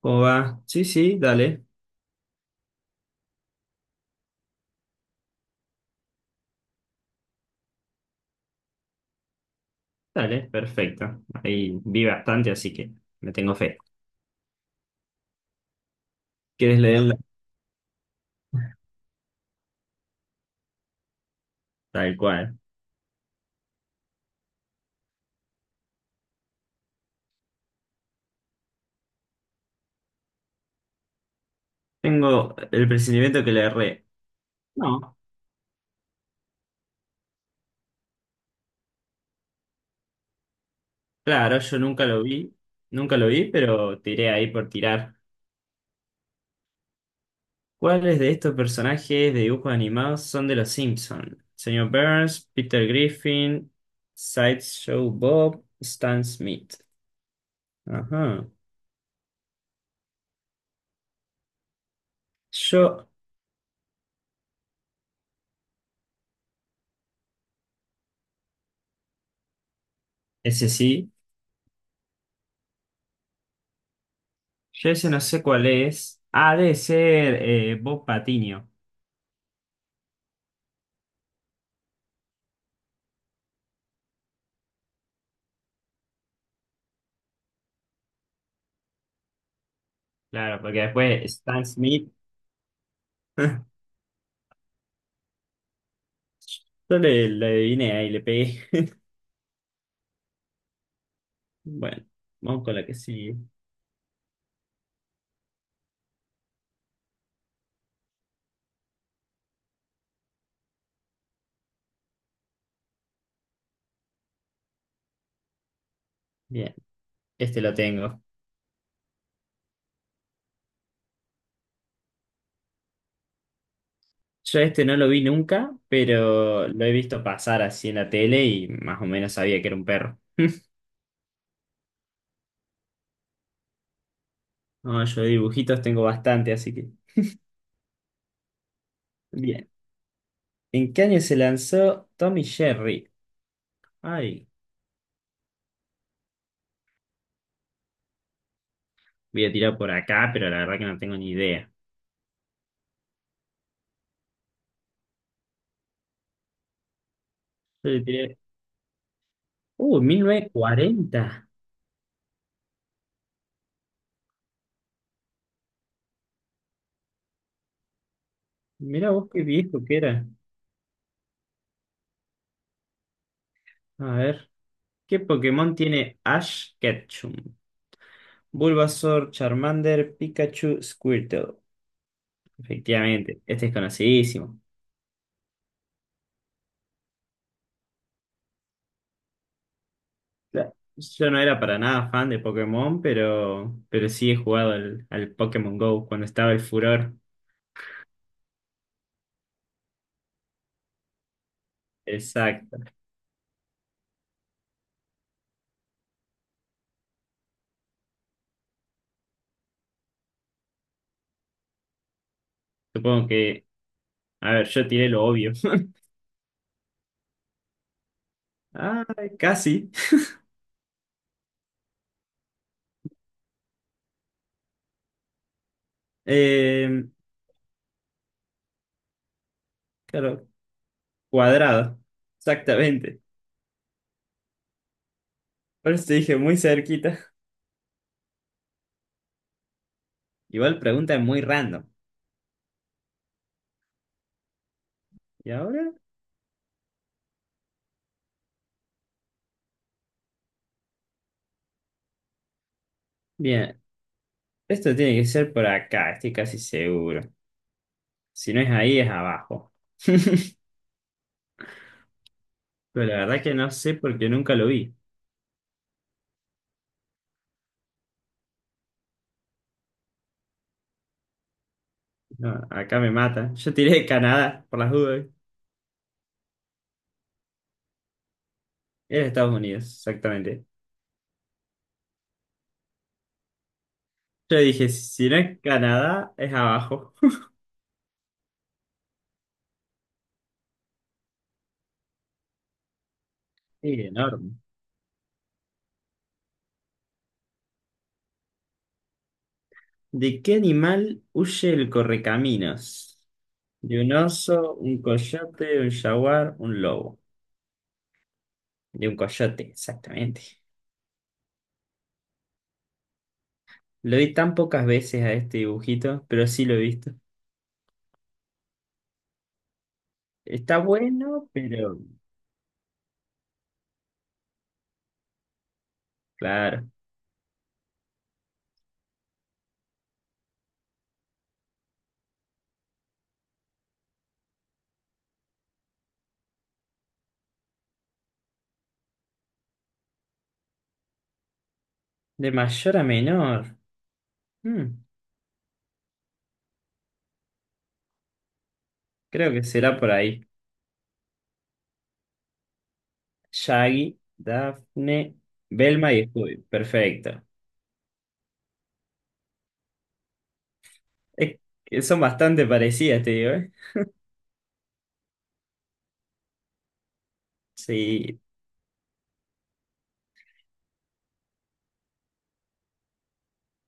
¿Cómo va? Sí, sí, dale, dale, perfecto. Ahí vi bastante, así que me tengo fe. ¿Quieres leerla? Tal cual. Tengo el presentimiento que le erré. No, claro, yo nunca lo vi, nunca lo vi, pero tiré ahí por tirar. ¿Cuáles de estos personajes de dibujos animados son de los Simpson? Señor Burns, Peter Griffin, Sideshow Bob, Stan Smith. Ajá. Yo, ese sí. Yo ese no sé cuál es. Ha de ser Bob Patiño. Claro, porque después Stan Smith. Yo le adiviné ahí, le pegué. Bueno, vamos con la que sigue. Bien, este lo tengo. Yo este no lo vi nunca, pero lo he visto pasar así en la tele y más o menos sabía que era un perro. No, yo de dibujitos tengo bastante, así que. Bien. ¿En qué año se lanzó Tommy Jerry? Ay, voy a tirar por acá, pero la verdad que no tengo ni idea. Yo le tiré 1940. Mirá vos qué viejo que era. A ver, ¿qué Pokémon tiene Ash Ketchum? Bulbasaur, Charmander, Pikachu, Squirtle. Efectivamente, este es conocidísimo. Claro, yo no era para nada fan de Pokémon, pero sí he jugado al Pokémon Go cuando estaba el furor. Exacto. Supongo que, a ver, yo tiré lo obvio. Ah, casi. Eh, claro, cuadrado. Exactamente. Por eso te dije muy cerquita. Igual pregunta es muy random. ¿Y ahora? Bien, esto tiene que ser por acá, estoy casi seguro. Si no es ahí, es abajo. Pero la verdad que no sé porque nunca lo vi. No, acá me mata. Yo tiré de Canadá, por las dudas. Era Estados Unidos, exactamente. Yo dije, si no es Canadá, es abajo. Sí, enorme. ¿De qué animal huye el correcaminos? De un oso, un coyote, un jaguar, un lobo. De un coyote, exactamente. Lo vi tan pocas veces a este dibujito, pero sí lo he visto. Está bueno, pero claro, de mayor a menor. Mm, creo que será por ahí. Shaggy, Daphne, Velma y Scooby. Perfecto. Es que son bastante parecidas, te digo, ¿eh? Sí.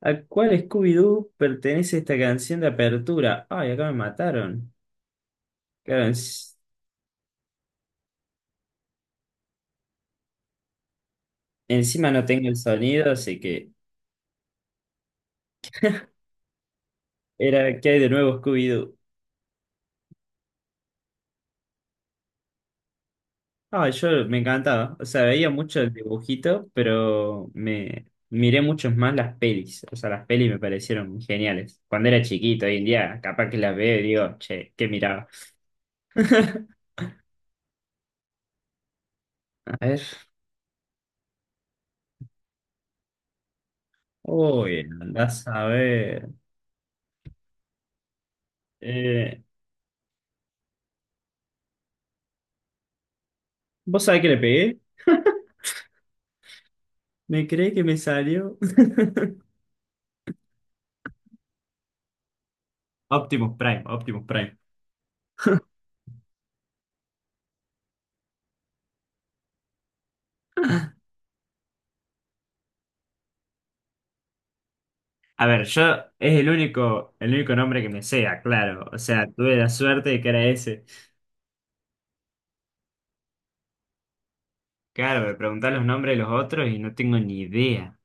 ¿A cuál Scooby-Doo pertenece esta canción de apertura? Ay, acá me mataron. Claro, encima no tengo el sonido, así que era ¿qué hay de nuevo, Scooby-Doo? Ah, yo me encantaba. O sea, veía mucho el dibujito, pero me miré mucho más las pelis. O sea, las pelis me parecieron geniales. Cuando era chiquito, hoy en día, capaz que las veo y digo, che, ¿qué miraba? A ver. Uy, andás a ver. Eh, ¿Vos sabés que le pegué? Me creí que me salió. Optimus Prime, Optimus Prime. A ver, yo es el único nombre que me sea, claro. O sea, tuve la suerte de que era ese. Claro, me preguntás los nombres de los otros y no tengo ni idea.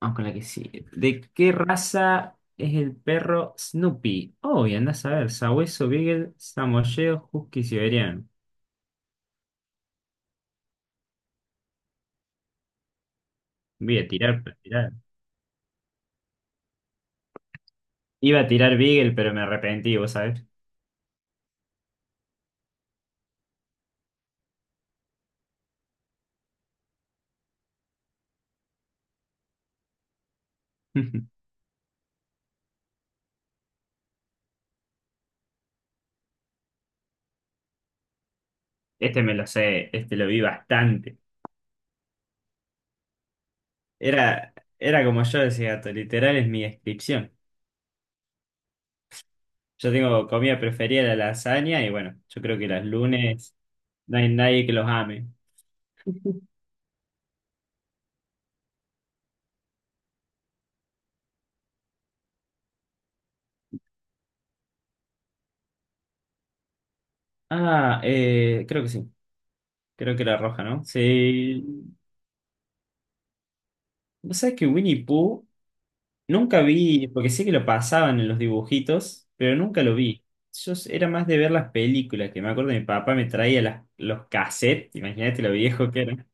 Vamos con la que sí. ¿De qué raza es el perro Snoopy? Oh, y anda a saber. Sabueso, Beagle, Samoyedo, Husky, Siberiano. Voy a tirar, pero tirar. Iba a tirar Beagle, pero me arrepentí, vos sabés. Este me lo sé, este lo vi bastante. Era, era como yo decía, gato, literal es mi descripción. Yo tengo comida preferida la lasaña y bueno, yo creo que las lunes no hay nadie que los ame. Ah, creo que sí. Creo que la roja, ¿no? Sí. Vos sabés que Winnie Pooh nunca vi, porque sé que lo pasaban en los dibujitos, pero nunca lo vi. Yo era más de ver las películas, que me acuerdo mi papá me traía los cassettes, imagínate lo viejo que eran,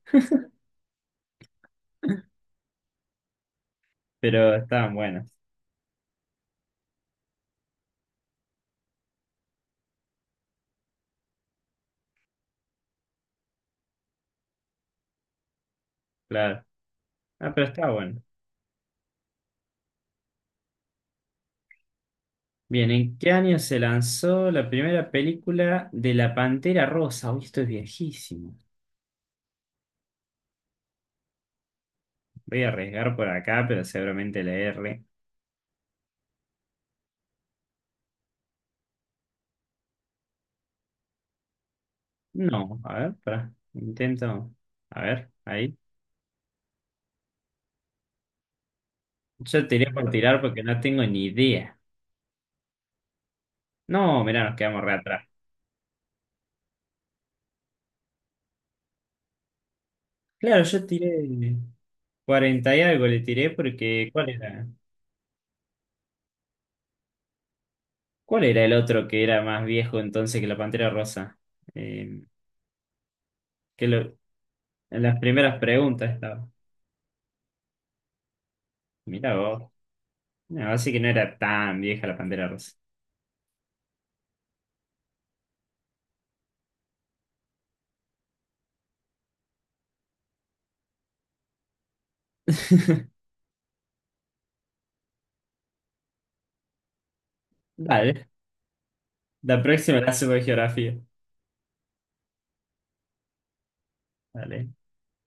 pero estaban buenas, claro. Ah, pero estaba bueno. Bien, ¿en qué año se lanzó la primera película de La Pantera Rosa? Uy, esto es viejísimo. Voy a arriesgar por acá, pero seguramente la R. No, a ver, pará. Intento. A ver, ahí. Yo tiré por tirar porque no tengo ni idea. No, mirá, nos quedamos re atrás. Claro, yo tiré 40 y algo le tiré porque ¿cuál era? ¿Cuál era el otro que era más viejo entonces que la Pantera Rosa? Eh, que lo, en las primeras preguntas estaba. Mirá vos. No, así que no era tan vieja la Pantera Rosa. Dale, la próxima la hacemos de geografía. Dale.